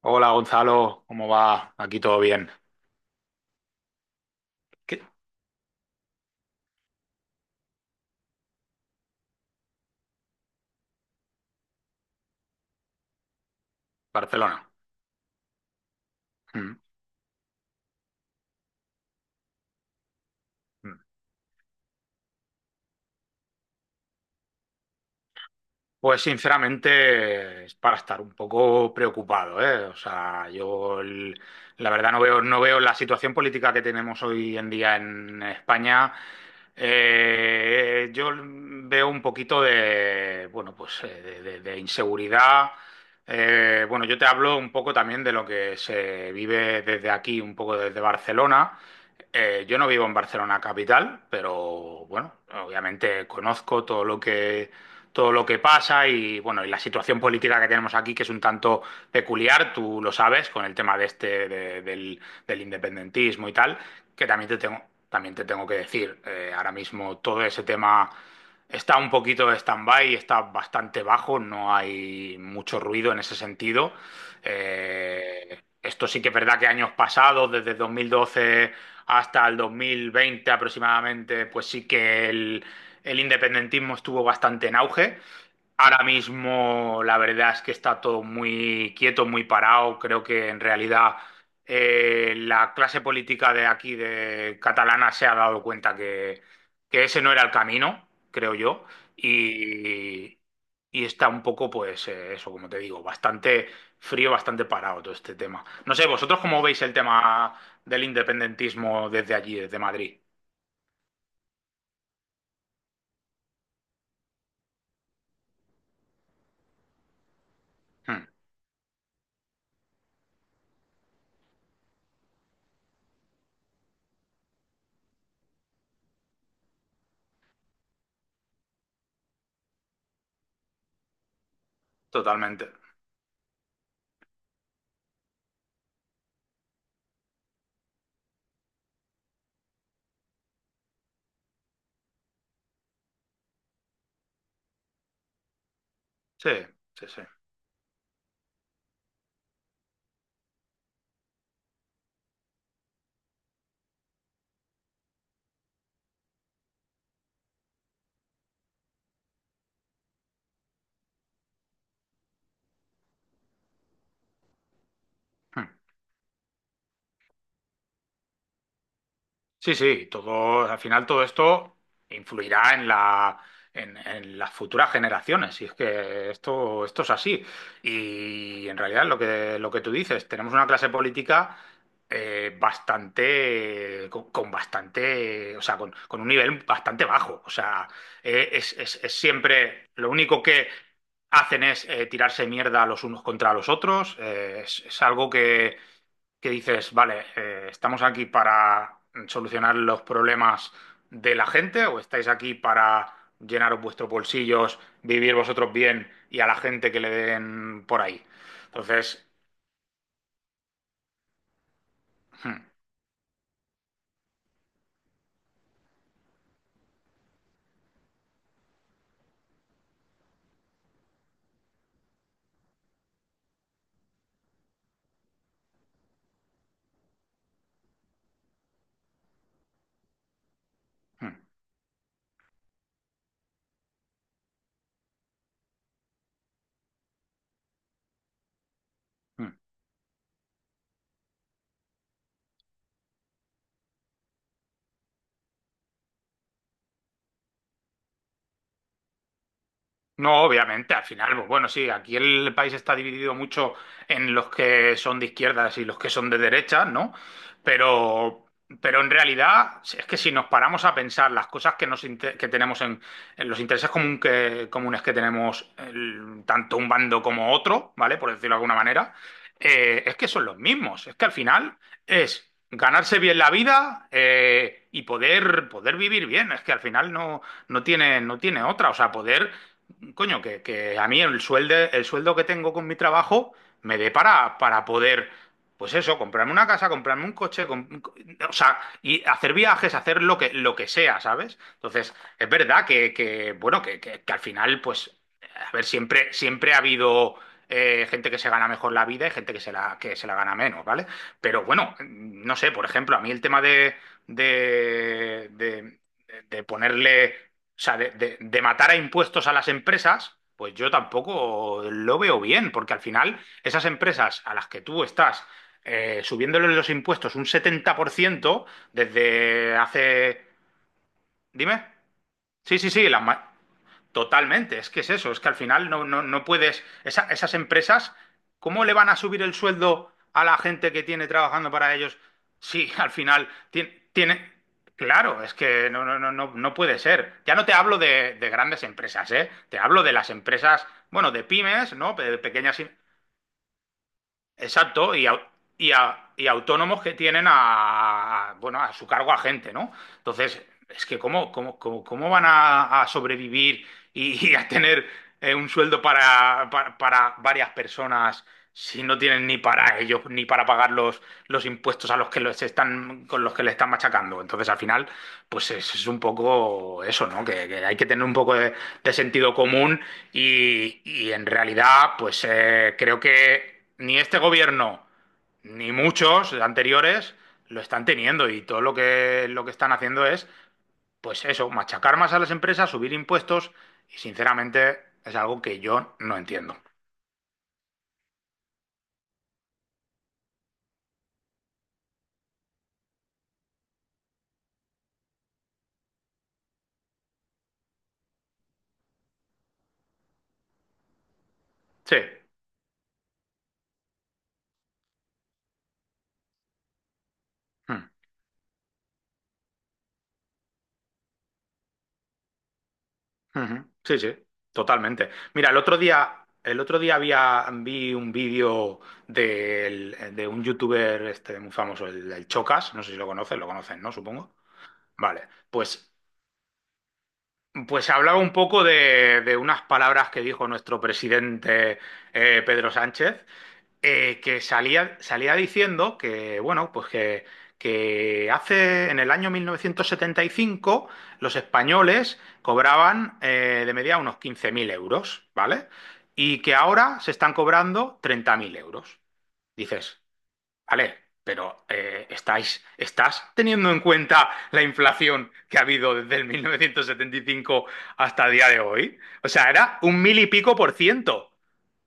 Hola Gonzalo, ¿cómo va? Aquí todo bien. ¿Qué? Barcelona. Mm. Pues sinceramente es para estar un poco preocupado, ¿eh? O sea, la verdad no veo la situación política que tenemos hoy en día en España. Yo veo un poquito bueno, pues, de inseguridad. Bueno, yo te hablo un poco también de lo que se vive desde aquí, un poco desde Barcelona. Yo no vivo en Barcelona capital, pero bueno, obviamente conozco todo lo que pasa y bueno, y la situación política que tenemos aquí, que es un tanto peculiar, tú lo sabes, con el tema de este, de- del, del independentismo y tal, que también te tengo que decir, ahora mismo todo ese tema está un poquito de stand-by, está bastante bajo, no hay mucho ruido en ese sentido. Esto sí que es verdad que años pasados, desde 2012 hasta el 2020 aproximadamente, pues sí que el independentismo estuvo bastante en auge. Ahora mismo la verdad es que está todo muy quieto, muy parado. Creo que en realidad, la clase política de aquí, de catalana, se ha dado cuenta que ese no era el camino, creo yo. Y, y está un poco, pues, eso, como te digo, bastante frío, bastante parado todo este tema. No sé, vosotros cómo veis el tema del independentismo desde allí, desde Madrid. Hmm. Totalmente. Sí, sí, sí. Hmm. Sí, sí, todo, al final todo esto influirá en la, en las futuras generaciones, y es que esto es así. Y en realidad lo que, tú dices, tenemos una clase política, bastante, con bastante, o sea, con un nivel bastante bajo. O sea, es, es siempre lo único que hacen es, tirarse mierda los unos contra los otros. Es algo que dices, vale, ¿estamos aquí para solucionar los problemas de la gente o estáis aquí para llenaros vuestros bolsillos, vivir vosotros bien y a la gente que le den por ahí? Entonces. Hmm. Hmm. Hmm. No, obviamente, al final, pues bueno, sí, aquí el país está dividido mucho en los que son de izquierdas y los que son de derechas, ¿no? Pero, pero en realidad, es que si nos paramos a pensar las cosas que que tenemos en, los intereses comunes que tenemos, tanto un bando como otro, ¿vale? Por decirlo de alguna manera, es que son los mismos. Es que al final es ganarse bien la vida, y poder, vivir bien. Es que al final no tiene otra. O sea, poder. Coño, que a mí el sueldo que tengo con mi trabajo me dé para poder, pues eso, comprarme una casa, comprarme un coche, o sea, y hacer viajes, hacer lo que sea, ¿sabes? Entonces, es verdad que, bueno, que al final, pues, a ver, siempre ha habido, gente que se gana mejor la vida y gente que se la gana menos, ¿vale? Pero bueno, no sé, por ejemplo, a mí el tema de, de de ponerle, o sea, de matar a impuestos a las empresas, pues yo tampoco lo veo bien, porque al final esas empresas a las que tú estás, subiéndoles los impuestos un 70% desde hace. Dime. Sí, sí, sí, totalmente, es que es eso, es que al final no, no, no puedes, esas empresas, ¿cómo le van a subir el sueldo a la gente que tiene trabajando para ellos? Sí, al final claro, es que no, no, no, no, no puede ser. Ya no te hablo de grandes empresas, ¿eh? Te hablo de las empresas, bueno, de pymes, ¿no? De pequeñas, exacto, y autónomos que tienen bueno, a su cargo a gente, ¿no? Entonces, es que cómo van a sobrevivir y a tener, un sueldo para, para varias personas si no tienen ni para ellos, ni para pagar los impuestos a los que los están, con los que le están machacando. Entonces, al final, pues es un poco eso, ¿no? Que hay que tener un poco de sentido común y en realidad, pues, creo que ni este gobierno ni muchos anteriores lo están teniendo y todo lo que están haciendo es, pues eso, machacar más a las empresas, subir impuestos y sinceramente es algo que yo no entiendo. Sí. Mm. Ujú. Sí, sí, totalmente. Mira, el otro día había, vi un vídeo de un youtuber este, muy famoso, el Chocas, no sé si lo conocen, lo conocen, ¿no? Supongo. Vale, pues hablaba un poco de unas palabras que dijo nuestro presidente, Pedro Sánchez, que salía diciendo que, bueno, pues que hace en el año 1975 los españoles cobraban, de media unos 15.000 euros, ¿vale? Y que ahora se están cobrando 30.000 euros. Dices, vale, pero, ¿estás teniendo en cuenta la inflación que ha habido desde el 1975 hasta el día de hoy? O sea, era un mil y pico por ciento.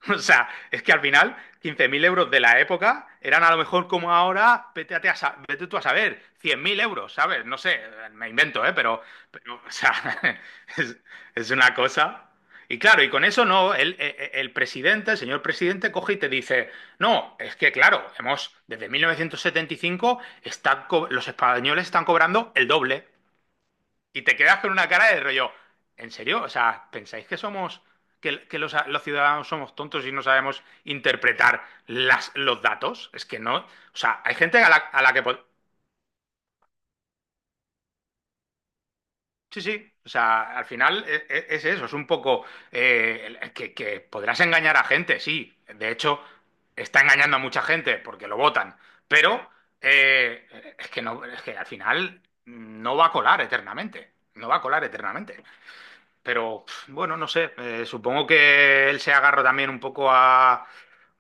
O sea, es que al final 15.000 euros de la época eran a lo mejor como ahora, vete, a te a sa- vete tú a saber, 100.000 euros, ¿sabes? No sé, me invento, ¿eh? Pero, o sea, es, es una cosa. Y claro, y con eso no, el presidente, el señor presidente, coge y te dice, no, es que claro, hemos, desde 1975 los españoles están cobrando el doble. Y te quedas con una cara de rollo. ¿En serio? O sea, ¿pensáis que que los, ciudadanos somos tontos y no sabemos interpretar los datos? Es que no. O sea, hay gente a la que. Sí, sí. O sea, al final, es, eso, es un poco, que podrás engañar a gente, sí. De hecho, está engañando a mucha gente porque lo votan. Pero, es que no, es que al final no va a colar eternamente. No va a colar eternamente. Pero bueno, no sé, supongo que él se agarra también un poco a,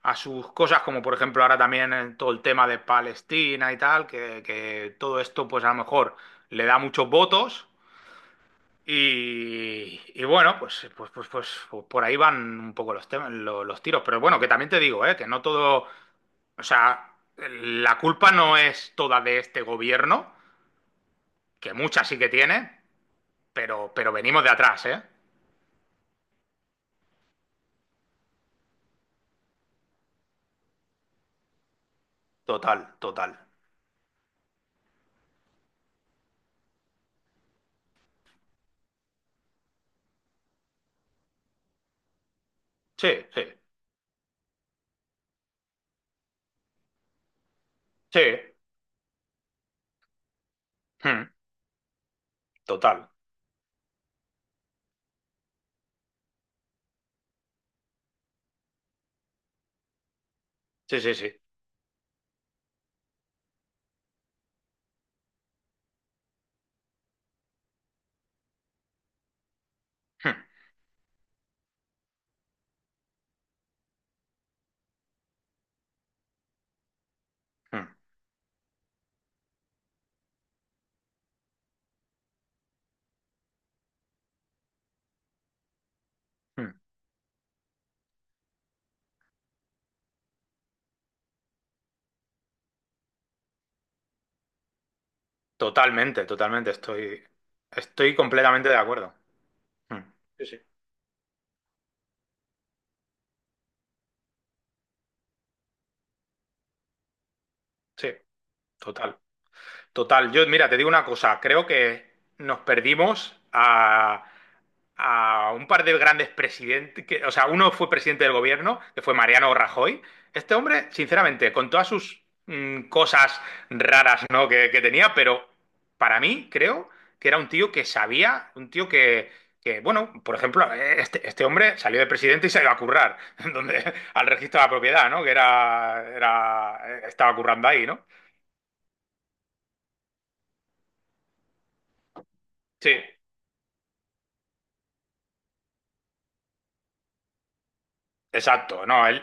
a sus cosas, como por ejemplo ahora también, todo el tema de Palestina y tal, que todo esto pues a lo mejor le da muchos votos y bueno, pues por ahí van un poco los temas, los tiros. Pero bueno, que también te digo, que no todo, o sea, la culpa no es toda de este gobierno, que mucha sí que tiene, pero venimos de atrás, ¿eh? Total, total. Sí, sí. Sí, mm, total. Sí, sí, sí. Mm, mm, mm. Totalmente, totalmente. Estoy completamente de acuerdo. Mm. Sí, sí, sí, total. Total. Yo, mira, te digo una cosa. Creo que nos perdimos a un par de grandes presidentes, que, o sea, uno fue presidente del gobierno, que fue Mariano Rajoy. Este hombre, sinceramente, con todas sus cosas raras, ¿no? que tenía, pero para mí creo que era un tío que sabía, un tío que, bueno, por ejemplo, este hombre salió de presidente y se iba a currar, donde, al registro de la propiedad, ¿no? Que era, era, estaba currando ahí, ¿no? Sí, exacto, no, él,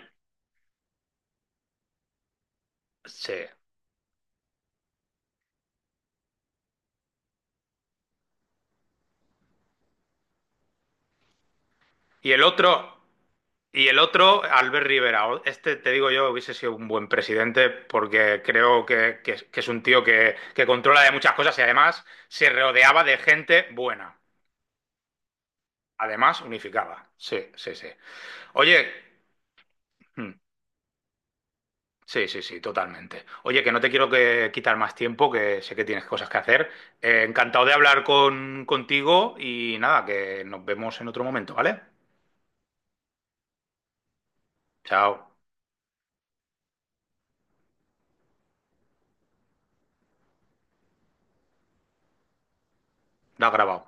sí. Y el otro... Y el otro, Albert Rivera. Este, te digo yo, hubiese sido un buen presidente porque creo que es que es un tío que controla de muchas cosas y además se rodeaba de gente buena. Además, unificaba. Sí, sí, sí. Oye, mm, sí, sí, sí, totalmente. Oye, que no te quiero que quitar más tiempo, que sé que tienes cosas que hacer. Encantado de hablar contigo y nada, que nos vemos en otro momento, ¿vale? Chao. Da grabado.